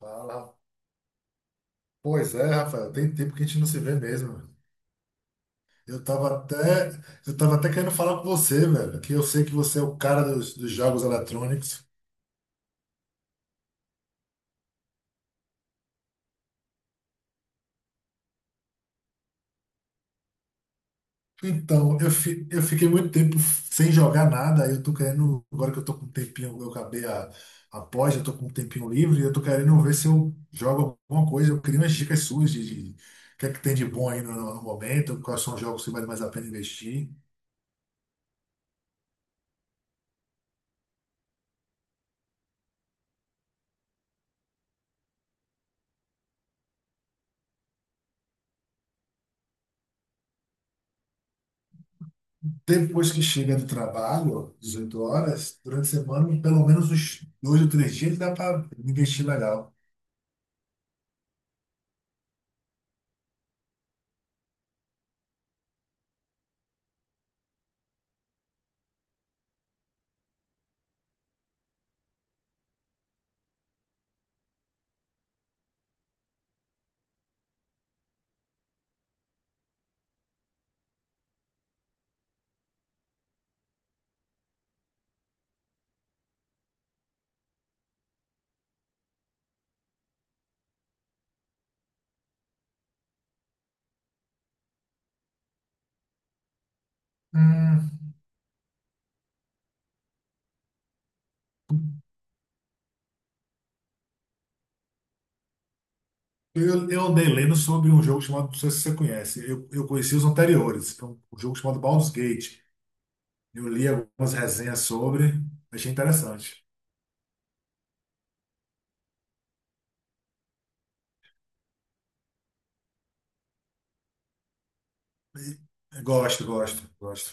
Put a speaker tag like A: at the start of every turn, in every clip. A: Fala. Pois é, Rafael, tem tempo que a gente não se vê mesmo, velho. Eu tava até, eu tava até querendo falar com você, velho, que eu sei que você é o cara dos jogos eletrônicos. Então, eu fiquei muito tempo sem jogar nada, aí eu tô querendo, agora que eu tô com um tempinho, a pós, eu tô com um tempinho livre, eu tô querendo ver se eu jogo alguma coisa, eu queria umas dicas suas de o que é que tem de bom aí no momento, quais são os jogos que vale mais a pena investir. Depois que chega do trabalho, 18 horas, durante a semana, pelo menos uns dois ou três dias dá para investir legal. Hum, eu andei lendo sobre um jogo chamado, não sei se você conhece, eu conheci os anteriores, que é um jogo chamado Baldur's Gate. Eu li algumas resenhas sobre, achei interessante. E- Gosto, gosto, gosto.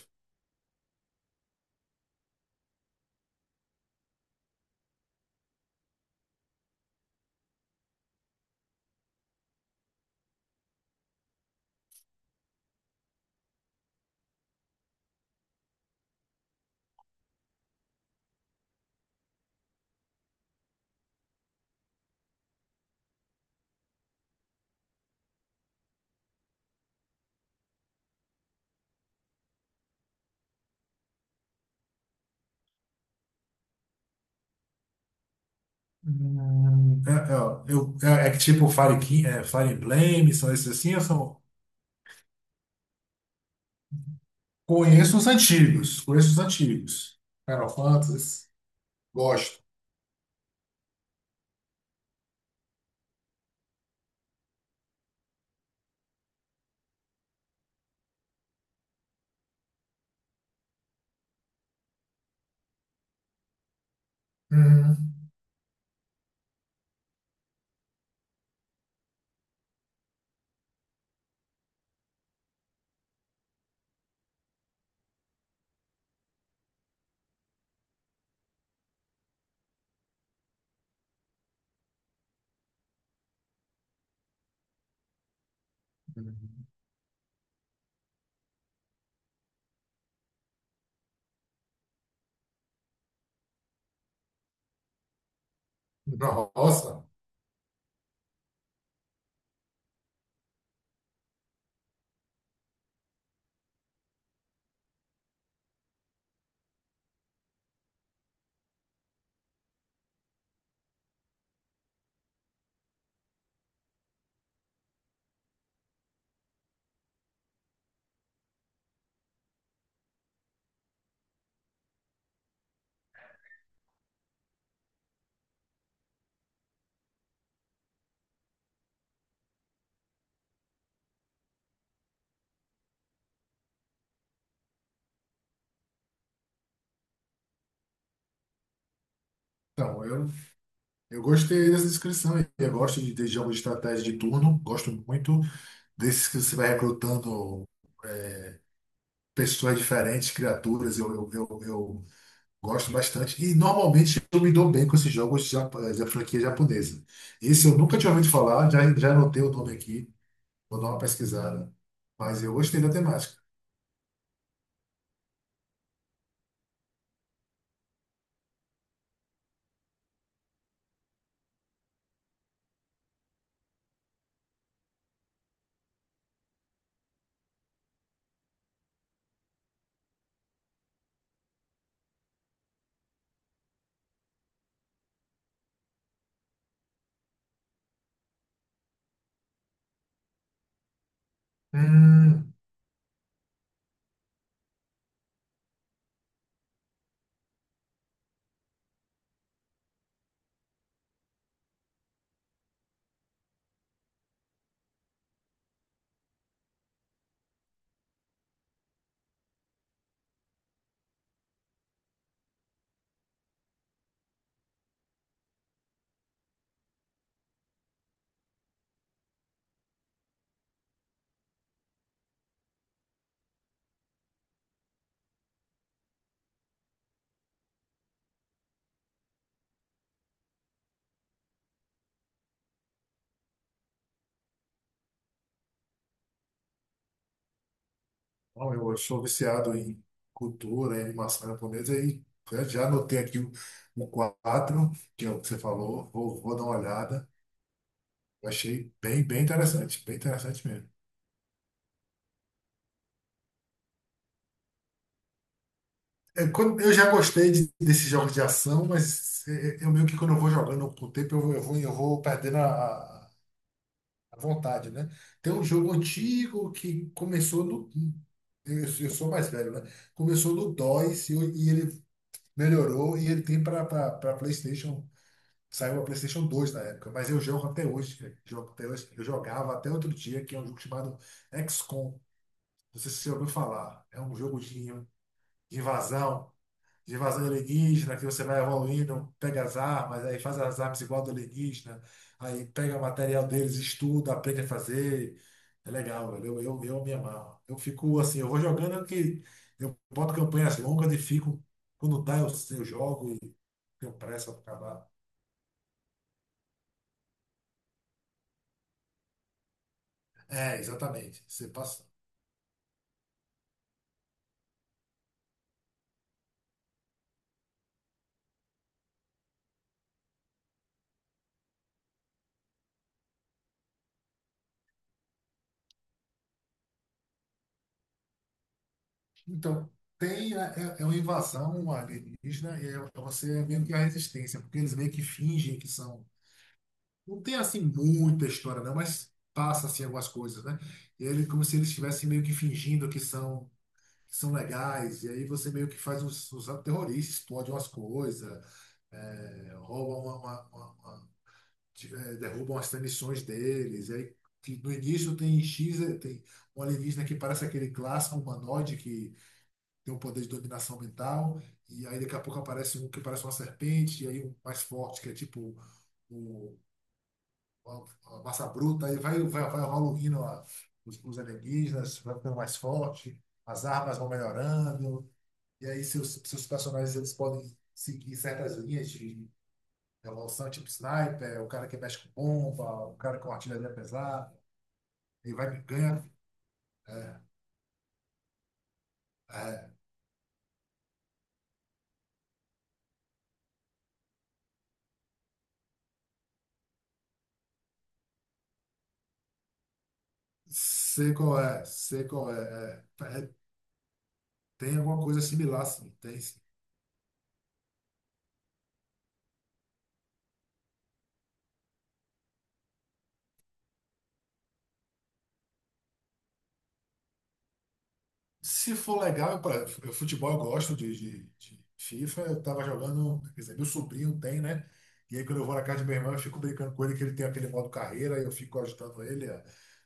A: Hum, é, é, é que tipo Fire Emblem, são esses assim, eu são, conheço os antigos, conheço os antigos. Final Fantasy. Gosto. Uhum. Uhum. Nossa. Então, eu gostei dessa descrição aí. Eu gosto de jogos de estratégia de turno. Gosto muito desses que você vai recrutando pessoas diferentes, criaturas. Eu gosto bastante. E normalmente eu me dou bem com esses jogos da franquia japonesa. Esse eu nunca tinha ouvido falar, já anotei o nome aqui. Vou dar uma pesquisada. Mas eu gostei da temática. Hum. Bom, eu sou viciado em cultura, em animação japonesa e já já anotei o 4, que é o que você falou, vou dar uma olhada. Eu achei bem, bem interessante mesmo. É, eu já gostei desses jogos de ação, mas eu meio que quando eu vou jogando com o tempo, eu vou perdendo a a vontade, né? Tem um jogo antigo que começou no. Eu sou mais velho, né? Começou no dois e, e ele melhorou e ele tem para PlayStation. Saiu a PlayStation 2 na época, mas eu jogo até hoje, cara. Jogo até hoje. Eu jogava até outro dia, que é um jogo chamado XCOM. Não sei se você ouviu falar. É um jogo de invasão, de invasão alienígena, que você vai evoluindo, pega as armas, aí faz as armas igual do alienígena, aí pega o material deles, estuda, aprende a fazer. É legal, velho. Eu me amarro. Eu fico assim, eu vou jogando que eu boto campanhas longas e fico. Quando dá, eu jogo e tenho pressa para acabar. É, exatamente, você passa. Então, tem, né, é, é uma invasão alienígena e é, é você é meio que a resistência, porque eles meio que fingem que são. Não tem assim muita história, não, mas passa assim algumas coisas, né? E ele, como se eles estivessem meio que fingindo que são legais, e aí você meio que faz uns atos terroristas, explode umas coisas, é, rouba é, derrubam as transmissões deles, e aí. Que no início tem X, eh, tem um alienígena que parece aquele clássico humanoide que tem um poder de dominação mental, e aí daqui a pouco aparece um que parece uma serpente, e aí um mais forte, que é tipo o, a, a massa bruta, vai evoluindo os alienígenas, vai ficando mais forte, as armas vão melhorando, e aí seus personagens eles podem seguir certas linhas de evolução, tipo sniper, o cara que mexe com bomba, o cara com artilharia pesada, e vai ganha. É, é. Sei qual é, sei qual é. É. É, tem alguma coisa similar, sim. Tem, sim. Se for legal, futebol eu gosto de FIFA. Eu tava jogando, quer dizer, meu sobrinho tem, né? E aí quando eu vou na casa de meu irmão, eu fico brincando com ele que ele tem aquele modo carreira, e eu fico ajudando ele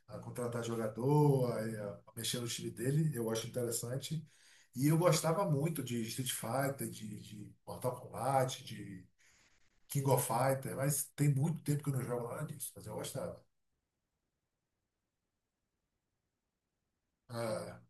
A: a contratar jogador, a mexer no time dele. Eu acho interessante. E eu gostava muito de Street Fighter, de Mortal Kombat, de King of Fighter, mas tem muito tempo que eu não jogo nada disso, mas eu gostava. Ah.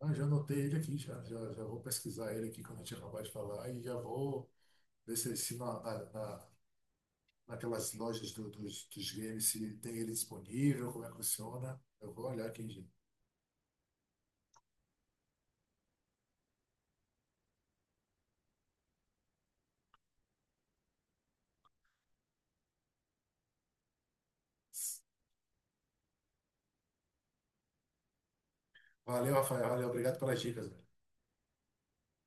A: Ah, já anotei ele aqui, já vou pesquisar ele aqui quando a gente acabar de falar e já vou ver se, se naquelas lojas dos games se tem ele disponível, como é que funciona. Eu vou olhar aqui, gente. Valeu, Rafael. Valeu, obrigado pelas dicas.